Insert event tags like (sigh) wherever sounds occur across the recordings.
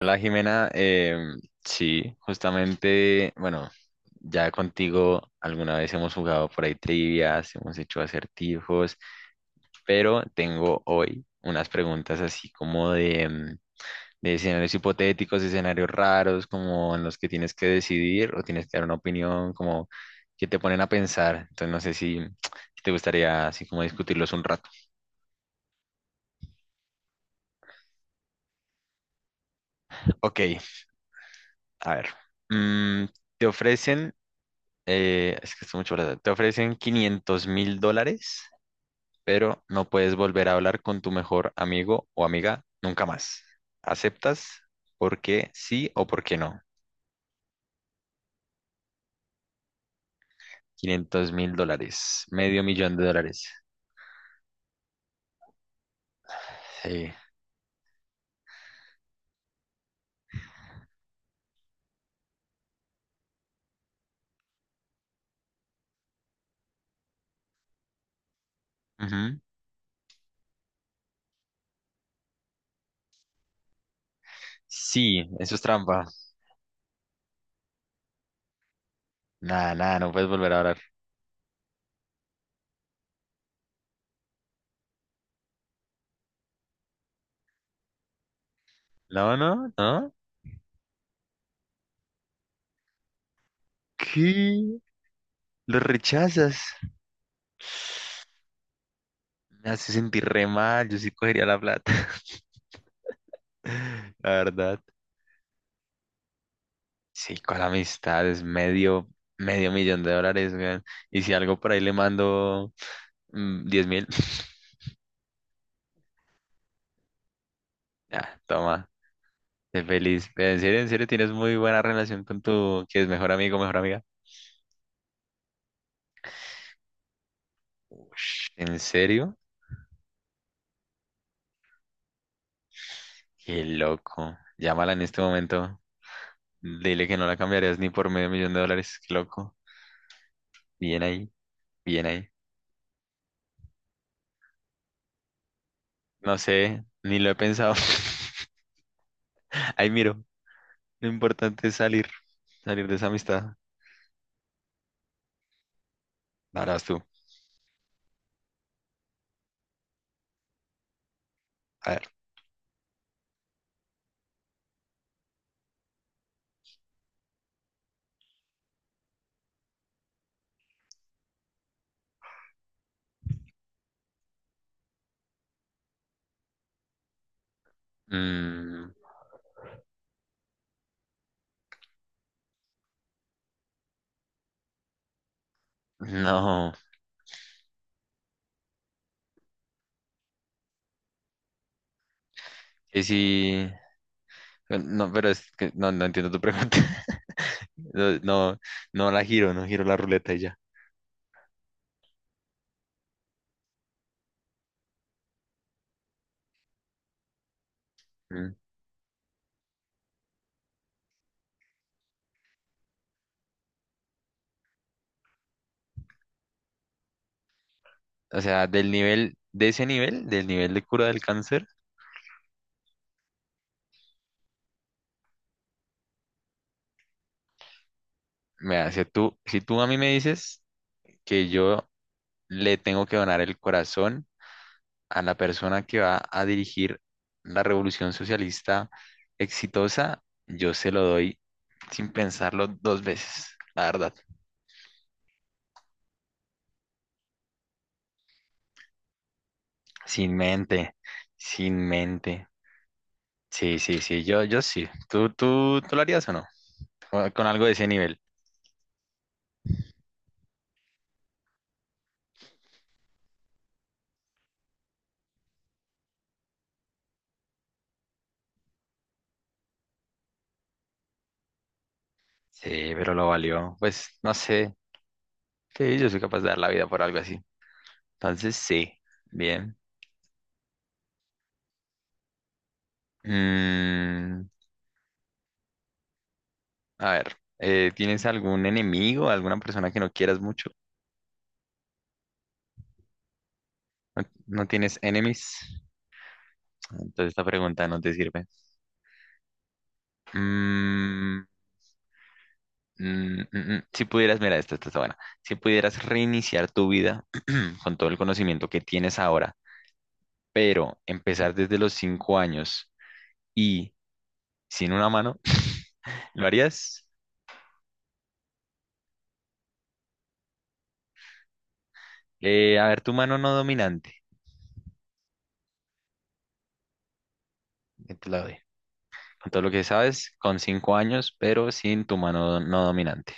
Hola Jimena, sí, justamente, bueno, ya contigo alguna vez hemos jugado por ahí trivias, hemos hecho acertijos, pero tengo hoy unas preguntas así como de escenarios hipotéticos, escenarios raros, como en los que tienes que decidir o tienes que dar una opinión, como que te ponen a pensar. Entonces no sé si te gustaría así como discutirlos un rato. Ok, a ver, mm, te ofrecen, es que es mucho plata. Te ofrecen $500.000, pero no puedes volver a hablar con tu mejor amigo o amiga nunca más. ¿Aceptas? ¿Por qué sí o por qué no? $500.000, medio millón de dólares. Sí. Ujú. Sí, eso es trampa. Nada, nada, no puedes volver a hablar. No, no, no. ¿Qué? ¿Lo rechazas? Me hace sentir re mal, yo sí cogería la plata. (laughs) La verdad. Sí, con amistades, medio, medio millón de dólares, weón. Y si algo por ahí le mando 10.000, (laughs) ya, toma, sé feliz. Pero en serio, tienes muy buena relación con tu, que es mejor amigo, mejor amiga. Ush, ¿en serio? Qué loco. Llámala en este momento. Dile que no la cambiarías ni por medio millón de dólares. Qué loco. Bien ahí, bien ahí. No sé, ni lo he pensado. (laughs) Ahí miro. Lo importante es salir, salir de esa amistad. Ahora vas tú. A ver. Mm, No, y si... No, pero es que no, no entiendo tu pregunta. (laughs) No, no, no la giro, no giro la ruleta y ya. Mm. O sea, del nivel, de ese nivel, del nivel de cura del cáncer, me hace tú, si tú a mí me dices que yo le tengo que donar el corazón a la persona que va a dirigir la revolución socialista exitosa, yo se lo doy sin pensarlo dos veces, la verdad, sin mente, sin mente. Sí, sí, sí, yo sí. ¿Tú lo harías o no? O- Con algo de ese nivel. Sí, pero lo valió. Pues no sé. Sí, yo soy capaz de dar la vida por algo así. Entonces, sí. Bien. Mm, a ver, ¿tienes algún enemigo, alguna persona que no quieras mucho? ¿No, no tienes enemies? Entonces esta pregunta no te sirve. Mm, mm, mm, mm. Si pudieras, mira, esta está buena. Si pudieras reiniciar tu vida (clears throat) con todo el conocimiento que tienes ahora pero empezar desde los 5 años y sin una mano, (laughs) ¿lo harías? A ver, tu mano no dominante, que te la doy. Con todo lo que sabes, con 5 años, pero sin tu mano no dominante.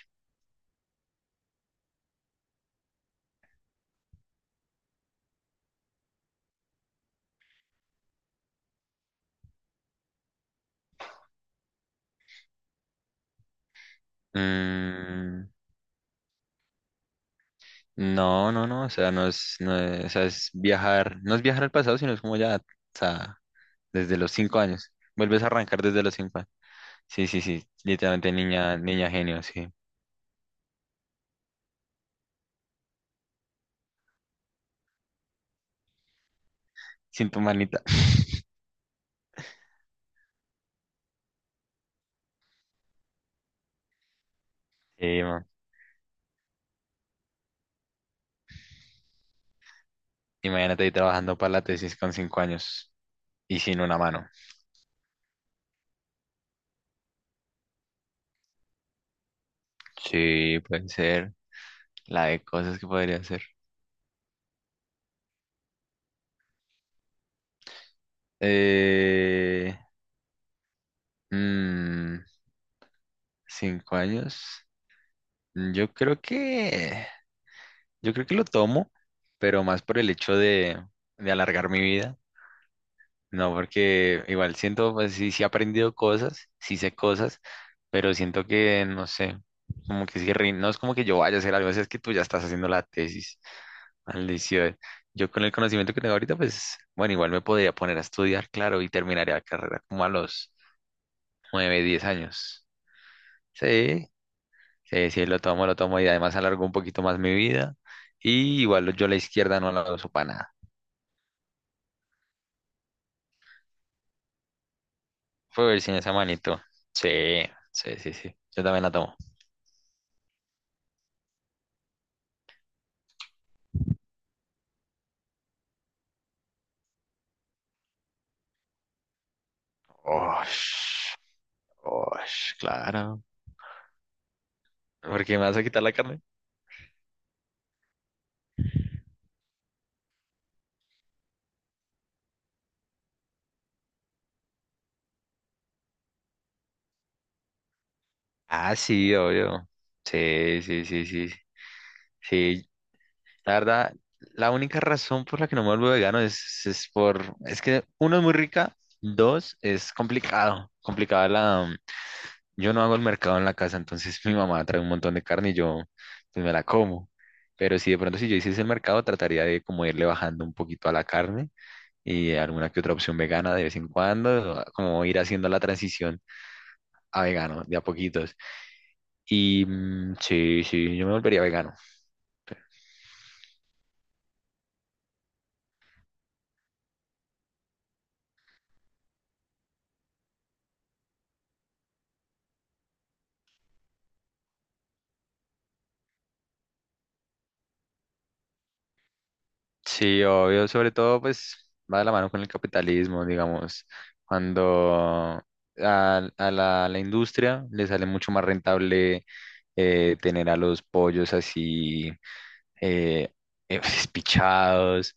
Mm, no, no, no, o sea, no es, o sea, es viajar, no es viajar al pasado, sino es como ya, o sea, desde los 5 años. Vuelves a arrancar desde los 5 años. Sí, sí, sí, literalmente niña, niña genio, sí. Sin tu manita. (laughs) Sí, man. Imagínate ahí trabajando para la tesis con 5 años. Y sin una mano. Sí, puede ser. La de cosas que podría hacer. Eh, mm, 5 años. Yo creo que, lo tomo, pero más por el hecho de, alargar mi vida. No, porque igual siento, pues sí, sí he aprendido cosas, sí sé cosas, pero siento que, no sé, como que sí, no es como que yo vaya a hacer algo, es que tú ya estás haciendo la tesis. Maldición. Yo con el conocimiento que tengo ahorita, pues, bueno, igual me podría poner a estudiar, claro, y terminaría la carrera como a los 9, 10 años. Sí, sí, sí, lo tomo y además alargo un poquito más mi vida. Y igual yo la izquierda no la uso para nada. Fue ver sin esa manito. Sí, sí, sí, sí. Yo también la tomo. Osh, osh, claro. ¿Por qué me vas a quitar la carne? Ah, sí, obvio. Sí, sí, sí, sí. Sí, la verdad, la única razón por la que no me vuelvo vegano es por, es que uno es muy rica, dos es complicado, complicada la, yo no hago el mercado en la casa, entonces (laughs) mi mamá trae un montón de carne y yo pues me la como. Pero si de pronto si yo hiciese el mercado, trataría de como irle bajando un poquito a la carne y alguna que otra opción vegana de vez en cuando, ah, como ir haciendo la transición a vegano de a poquitos. Y sí, sí, yo me volvería vegano. Sí, obvio, sobre todo pues va de la mano con el capitalismo, digamos, cuando a la industria le sale mucho más rentable tener a los pollos así eh, (laughs) espichados,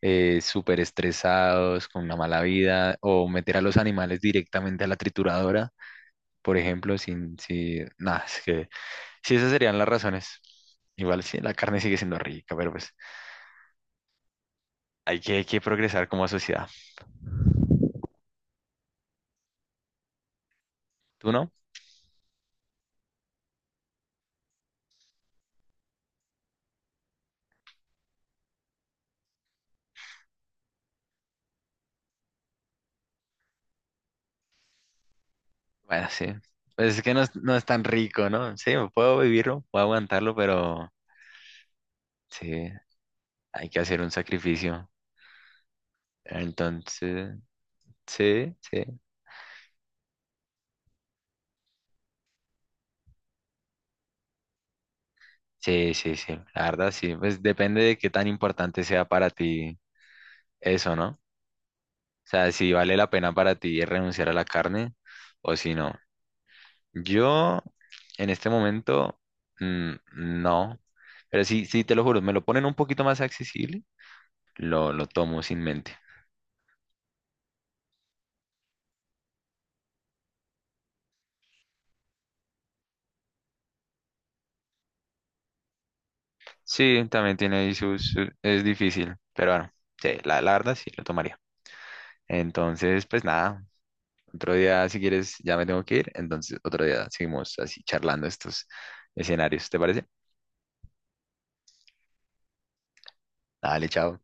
súper estresados, con una mala vida, o meter a los animales directamente a la trituradora, por ejemplo, sin, si, nada, es que sí, esas serían las razones. Igual sí, la carne sigue siendo rica, pero pues hay que progresar como sociedad. ¿Tú no? Bueno, sí. Pues es que no, es no es tan rico, ¿no? Sí, puedo vivirlo, puedo aguantarlo, pero sí, hay que hacer un sacrificio. Entonces, sí, sí, sí, sí, sí. La verdad, sí. Pues depende de qué tan importante sea para ti eso, ¿no? O sea, si vale la pena para ti renunciar a la carne o si no. Yo, en este momento, no. Pero sí, sí, te lo juro, me lo ponen un poquito más accesible, lo tomo sin mente. Sí, también tiene ahí es difícil, pero bueno, sí, la verdad sí lo tomaría. Entonces, pues nada, otro día si quieres ya me tengo que ir, entonces otro día seguimos así charlando estos escenarios, ¿te parece? Dale, chao.